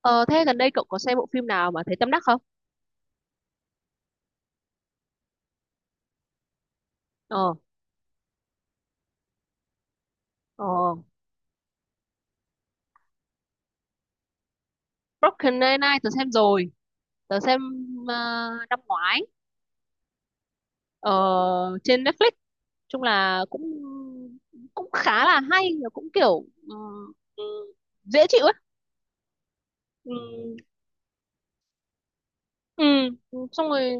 Ờ, thế gần đây cậu có xem bộ phim nào mà thấy tâm đắc không? Ờ, ờ, Brooklyn Nine-Nine tớ xem rồi, tớ xem ờ, năm ngoái ờ, trên Netflix. Chung là cũng cũng khá là hay, và cũng kiểu dễ chịu ấy. Xong rồi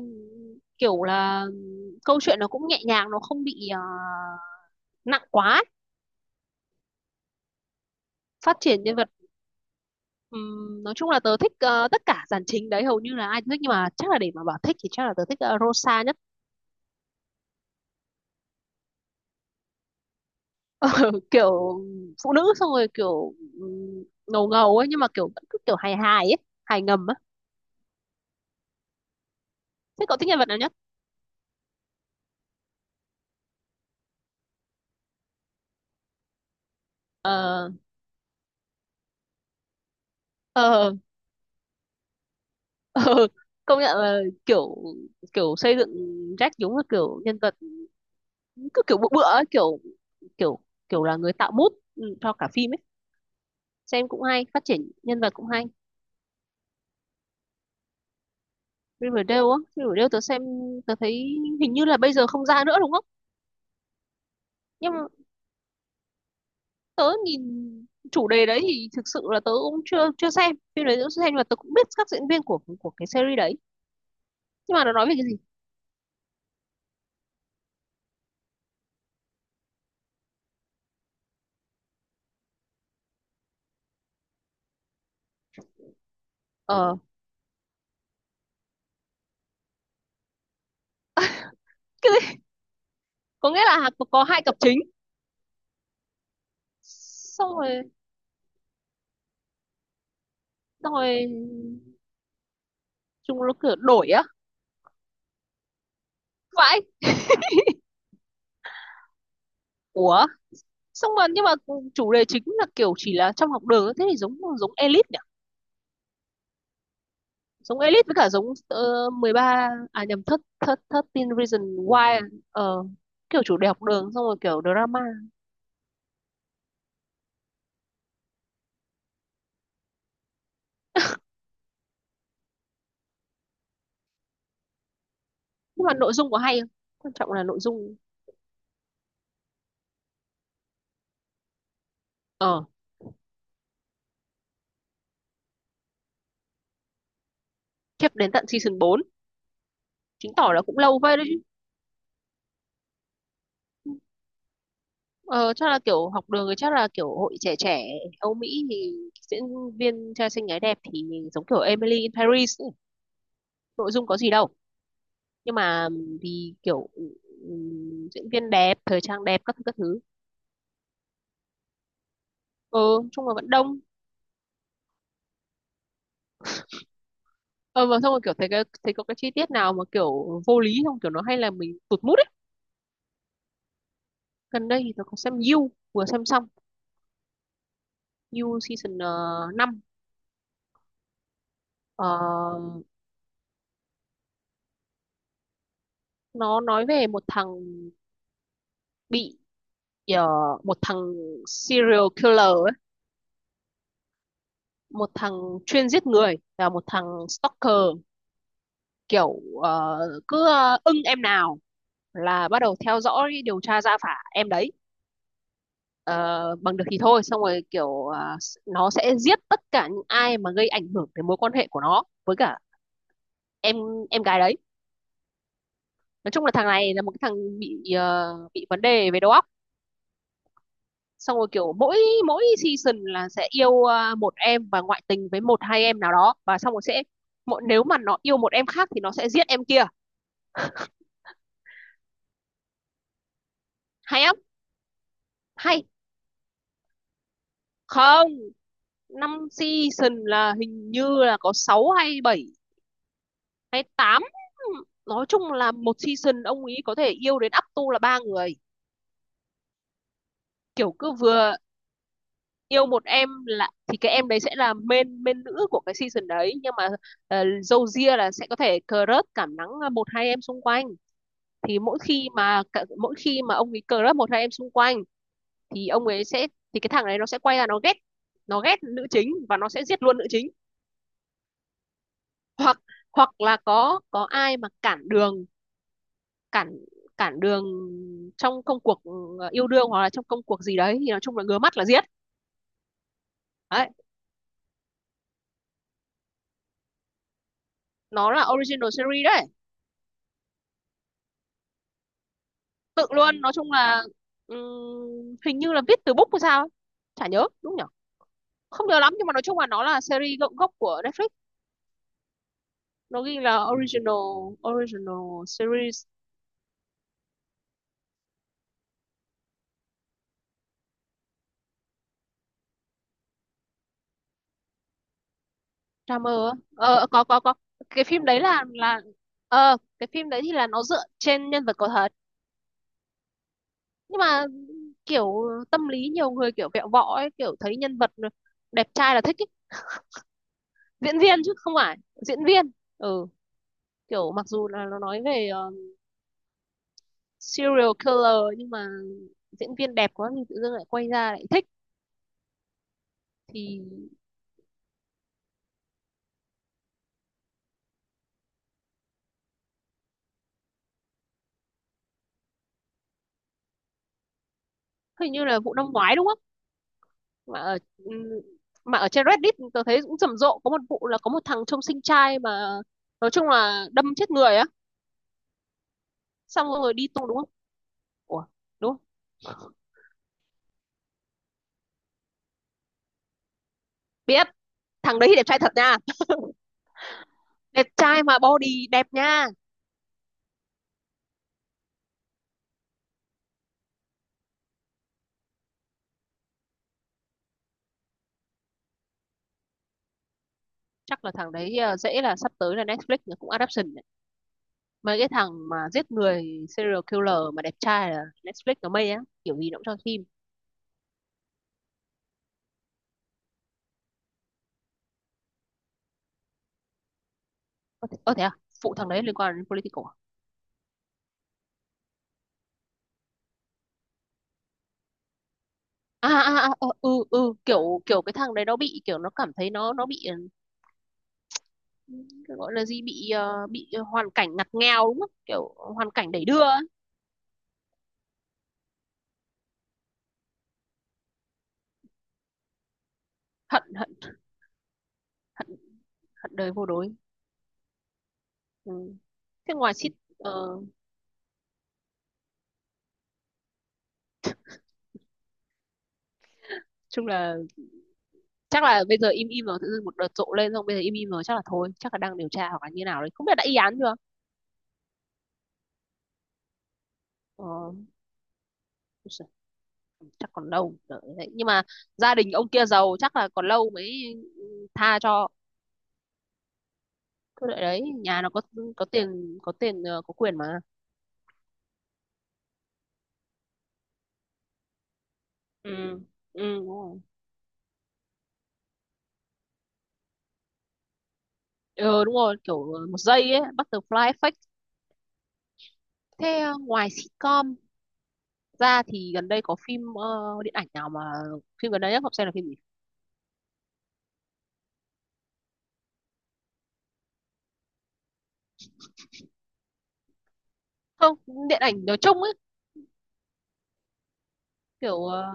kiểu là câu chuyện nó cũng nhẹ nhàng, nó không bị nặng quá, ấy. Phát triển nhân vật. Nói chung là tớ thích tất cả dàn chính đấy hầu như là ai cũng thích, nhưng mà chắc là để mà bảo thích thì chắc là tớ thích Rosa nhất. Kiểu phụ nữ, xong rồi kiểu ngầu ngầu ấy, nhưng mà kiểu vẫn cứ kiểu hài hài ấy, hài ngầm á. Thế cậu thích nhân vật nào nhất? Ờ ờ Ờ, công nhận là kiểu kiểu xây dựng Jack đúng là kiểu nhân vật cứ kiểu bựa bựa ấy, kiểu kiểu kiểu là người tạo mood cho cả phim ấy. Xem cũng hay, phát triển nhân vật cũng hay. Riverdale á? Riverdale tớ xem, tớ thấy hình như là bây giờ không ra nữa đúng không? Nhưng tớ nhìn chủ đề đấy thì thực sự là tớ cũng chưa chưa xem phim đấy, tớ chưa xem, nhưng mà tớ cũng biết các diễn viên của cái series đấy. Nhưng mà nó nói về cái gì? Ờ, cái gì, có nghĩa là có hai cặp chính, xong rồi. Xong rồi chúng nó kiểu đổi á. Vãi. Ủa. Xong rồi nhưng mà chủ đề chính là kiểu chỉ là trong học đường, thế thì giống giống Elite nhỉ. Giống Elite với cả giống 13, à nhầm, thất thất thất Teen Reason Why. Ờ Kiểu chủ đề học đường xong rồi kiểu drama. Nhưng mà nội dung có hay không, quan trọng là nội dung. Ờ, khiếp, đến tận season 4, chứng tỏ là cũng lâu phết đấy chứ. Ờ, chắc là kiểu học đường thì chắc là kiểu hội trẻ trẻ Âu Mỹ thì diễn viên trai xinh gái đẹp thì giống kiểu Emily in Paris ấy. Nội dung có gì đâu, nhưng mà vì kiểu diễn viên đẹp, thời trang đẹp, các thứ các thứ. Ờ, chung là vẫn đông. Ờ, và xong rồi kiểu thấy cái thấy có cái chi tiết nào mà kiểu vô lý không kiểu, nó hay là mình tụt mood ấy. Gần đây thì tôi có xem You, vừa xem xong You season 5. Nó nói về một thằng bị ờ, một thằng serial killer ấy, một thằng chuyên giết người và một thằng stalker, kiểu cứ ưng em nào là bắt đầu theo dõi, điều tra ra phả em đấy. Ờ, bằng được thì thôi, xong rồi kiểu nó sẽ giết tất cả những ai mà gây ảnh hưởng đến mối quan hệ của nó với cả em em gái đấy. Nói chung là thằng này là một cái thằng bị bị vấn đề về đầu óc. Xong rồi kiểu mỗi mỗi season là sẽ yêu à, một em và ngoại tình với một hai em nào đó, và xong rồi sẽ, mỗi nếu mà nó yêu một em khác thì nó sẽ giết em kia. Hay không, hay không, 5 season là hình như là có 6 hay 7 hay 8. Nói chung là 1 season ông ấy có thể yêu đến up to là 3 người. Kiểu cứ vừa yêu một em là thì cái em đấy sẽ là main main nữ của cái season đấy, nhưng mà dâu ria là sẽ có thể crush, cảm nắng một hai em xung quanh. Thì mỗi khi mà ông ấy crush một hai em xung quanh thì ông ấy sẽ thì cái thằng này nó sẽ quay ra nó ghét, nữ chính, và nó sẽ giết luôn nữ chính. Hoặc hoặc là có ai mà cản đường, cản cản đường trong công cuộc yêu đương hoặc là trong công cuộc gì đấy, thì nói chung là ngứa mắt là giết. Đấy, nó là original series đấy. Tự luôn, nói chung là hình như là viết từ book hay sao ấy. Chả nhớ, đúng nhở, không nhớ lắm, nhưng mà nói chung là nó là series gốc gốc của Netflix, nó ghi là original, original series. Drama á, ờ, có, cái phim đấy là ờ, cái phim đấy thì là nó dựa trên nhân vật có thật. Nhưng mà kiểu tâm lý nhiều người kiểu vẹo võ ấy, kiểu thấy nhân vật đẹp trai là thích ấy. Diễn viên, chứ không phải diễn viên. Ừ, kiểu mặc dù là nó nói về serial killer, nhưng mà diễn viên đẹp quá thì tự dưng lại quay ra lại thích thì. Hình như là vụ năm ngoái đúng không, mà ở, ừ, mà ở trên Reddit tôi thấy cũng rầm rộ, có một vụ là có một thằng trông sinh trai mà nói chung là đâm chết người á, xong rồi đi tung đúng không. Ủa, đúng không? Biết. Thằng đấy thì đẹp trai thật nha. Đẹp trai mà body đẹp nha. Chắc là thằng đấy à, dễ là sắp tới là Netflix nó cũng adaptation đấy. Mấy cái thằng mà giết người, serial killer mà đẹp trai là Netflix nó mê á, kiểu gì nó cũng cho phim. Có thể, có thế à, phụ thằng đấy liên quan đến political. À. Kiểu kiểu cái thằng đấy nó bị kiểu nó cảm thấy nó bị cái gọi là gì, bị bị hoàn cảnh ngặt nghèo đúng không, kiểu hoàn cảnh đẩy đưa ấy. Hận hận hận hận đời vô đối. Ừ. Thế ngoài shit, ờ, chung là chắc là bây giờ im im rồi, tự dưng một đợt rộ lên xong bây giờ im im rồi, chắc là thôi, chắc là đang điều tra hoặc là như nào đấy, không biết đã y án chưa. Ờ, ôi giời, chắc còn lâu, đợi đấy, nhưng mà gia đình ông kia giàu, chắc là còn lâu mới, ừ, tha cho. Cứ đợi đấy, nhà nó có, có tiền có quyền mà. Ừ, ừ đúng rồi. Ừ đúng rồi, kiểu một giây ấy, butterfly effect. Thế ngoài sitcom ra thì gần đây có phim điện ảnh nào mà, phim gần đây nhất Ngọc xem là phim gì? Không, điện ảnh nói chung ấy, kiểu ờ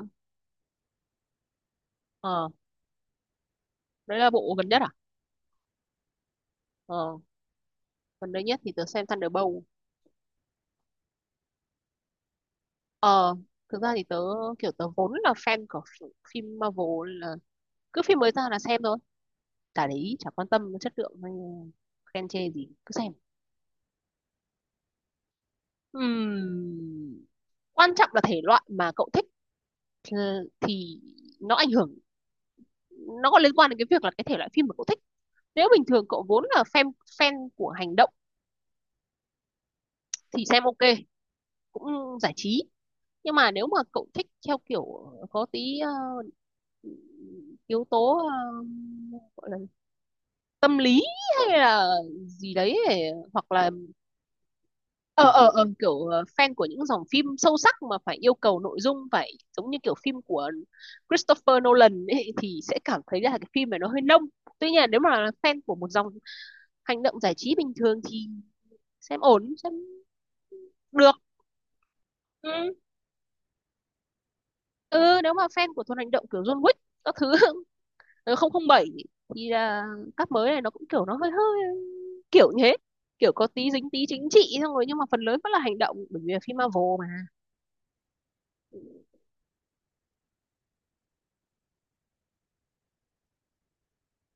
ờ, đấy là bộ gần nhất à? Ờ, gần đây nhất thì tớ xem Thunderbolt. Ờ, thực ra thì tớ kiểu tớ vốn là fan của phim Marvel, nên là cứ phim mới ra là xem thôi. Cả đấy chả quan tâm chất lượng hay khen chê gì, cứ xem. Ừm, quan trọng là thể loại mà cậu thích ờ, thì nó ảnh hưởng, nó có liên quan đến cái việc là cái thể loại phim mà cậu thích. Nếu bình thường cậu vốn là fan fan của hành động thì xem ok, cũng giải trí. Nhưng mà nếu mà cậu thích theo kiểu có tí yếu tố gọi là tâm lý hay là gì đấy hoặc là ờ kiểu fan của những dòng phim sâu sắc mà phải yêu cầu nội dung phải giống như kiểu phim của Christopher Nolan ấy, thì sẽ cảm thấy là cái phim này nó hơi nông. Tuy nhiên nếu mà là fan của một dòng hành động giải trí bình thường thì xem ổn, xem được. Ừ, ừ, nếu mà fan của Thuần Hành Động kiểu John Wick các thứ 007 thì là các mới này nó cũng kiểu nó hơi hơi kiểu như thế, kiểu có tí dính tí chính trị, xong rồi nhưng mà phần lớn vẫn là hành động, bởi vì là phim Marvel mà.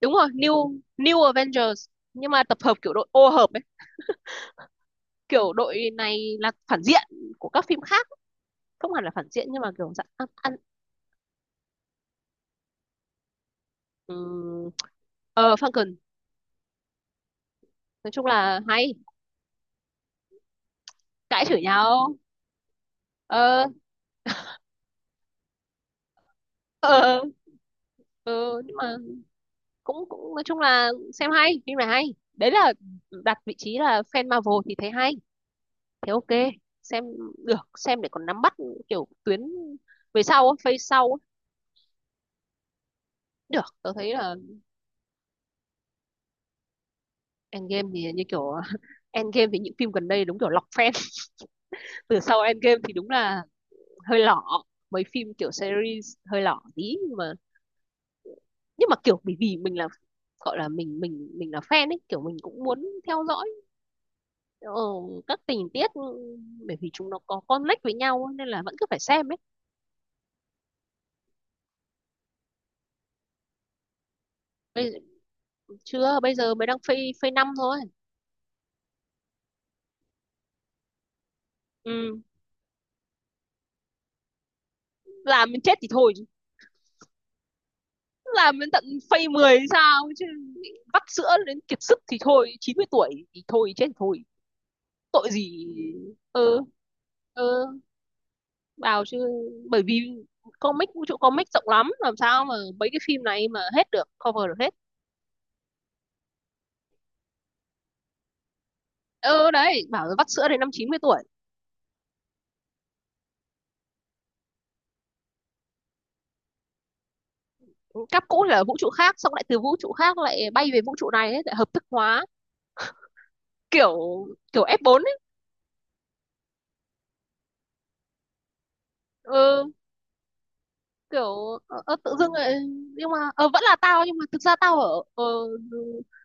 Đúng rồi, New New Avengers, nhưng mà tập hợp kiểu đội ô hợp ấy, kiểu đội này là phản diện của các phim khác, không hẳn là phản diện nhưng mà kiểu dạng ăn ăn um, ờ Falcon, nói chung là hay cãi chửi nhau. Ờ ờ Ừ, nhưng mà cũng cũng nói chung là xem hay, phim này hay. Đấy là đặt vị trí là fan Marvel thì thấy hay, thế ok, xem được, xem để còn nắm bắt kiểu tuyến về sau á, phase sau á. Được, tớ thấy là Endgame thì như kiểu Endgame thì những phim gần đây đúng kiểu lọc fan. Từ sau Endgame thì đúng là hơi lỏ, mấy phim kiểu series hơi lỏ tí, nhưng mà kiểu bởi vì mình là gọi là mình là fan ấy, kiểu mình cũng muốn theo dõi ờ, các tình tiết bởi vì chúng nó có connect với nhau ấy, nên là vẫn cứ phải xem ấy. Bây giờ, chưa, bây giờ mới đang phây phase 5 thôi. Ừ. Làm đến chết thì thôi chứ. Làm đến tận phase 10 thì sao chứ. Vắt sữa đến kiệt sức thì thôi, 90 tuổi thì thôi, chết thì thôi, tội gì. Ừ, ừ, bảo chứ, bởi vì comic, vũ trụ comic rộng lắm, làm sao mà mấy cái phim này mà hết được, cover được hết. Ừ, đấy, bảo là vắt sữa đến năm 90 tuổi. Cáp cũ thì ở vũ trụ khác, xong lại từ vũ trụ khác lại bay về vũ trụ này ấy, lại hợp thức hóa kiểu, kiểu F4 ấy. Ừ, kiểu tự dưng lại, nhưng mà vẫn là tao, nhưng mà thực ra tao ở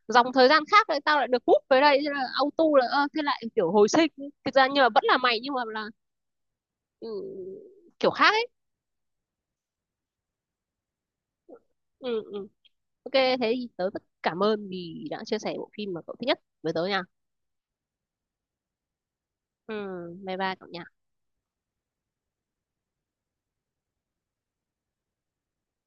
dòng thời gian khác, lại tao lại được hút về đây, thế là auto là thế lại kiểu hồi sinh. Thực ra nhưng mà vẫn là mày, nhưng mà là ừ, kiểu khác ấy. Ừ, ừ. Ok thế thì tớ rất cảm ơn vì đã chia sẻ bộ phim mà cậu thích nhất với tớ nha. Ừ, bye bye cậu nha.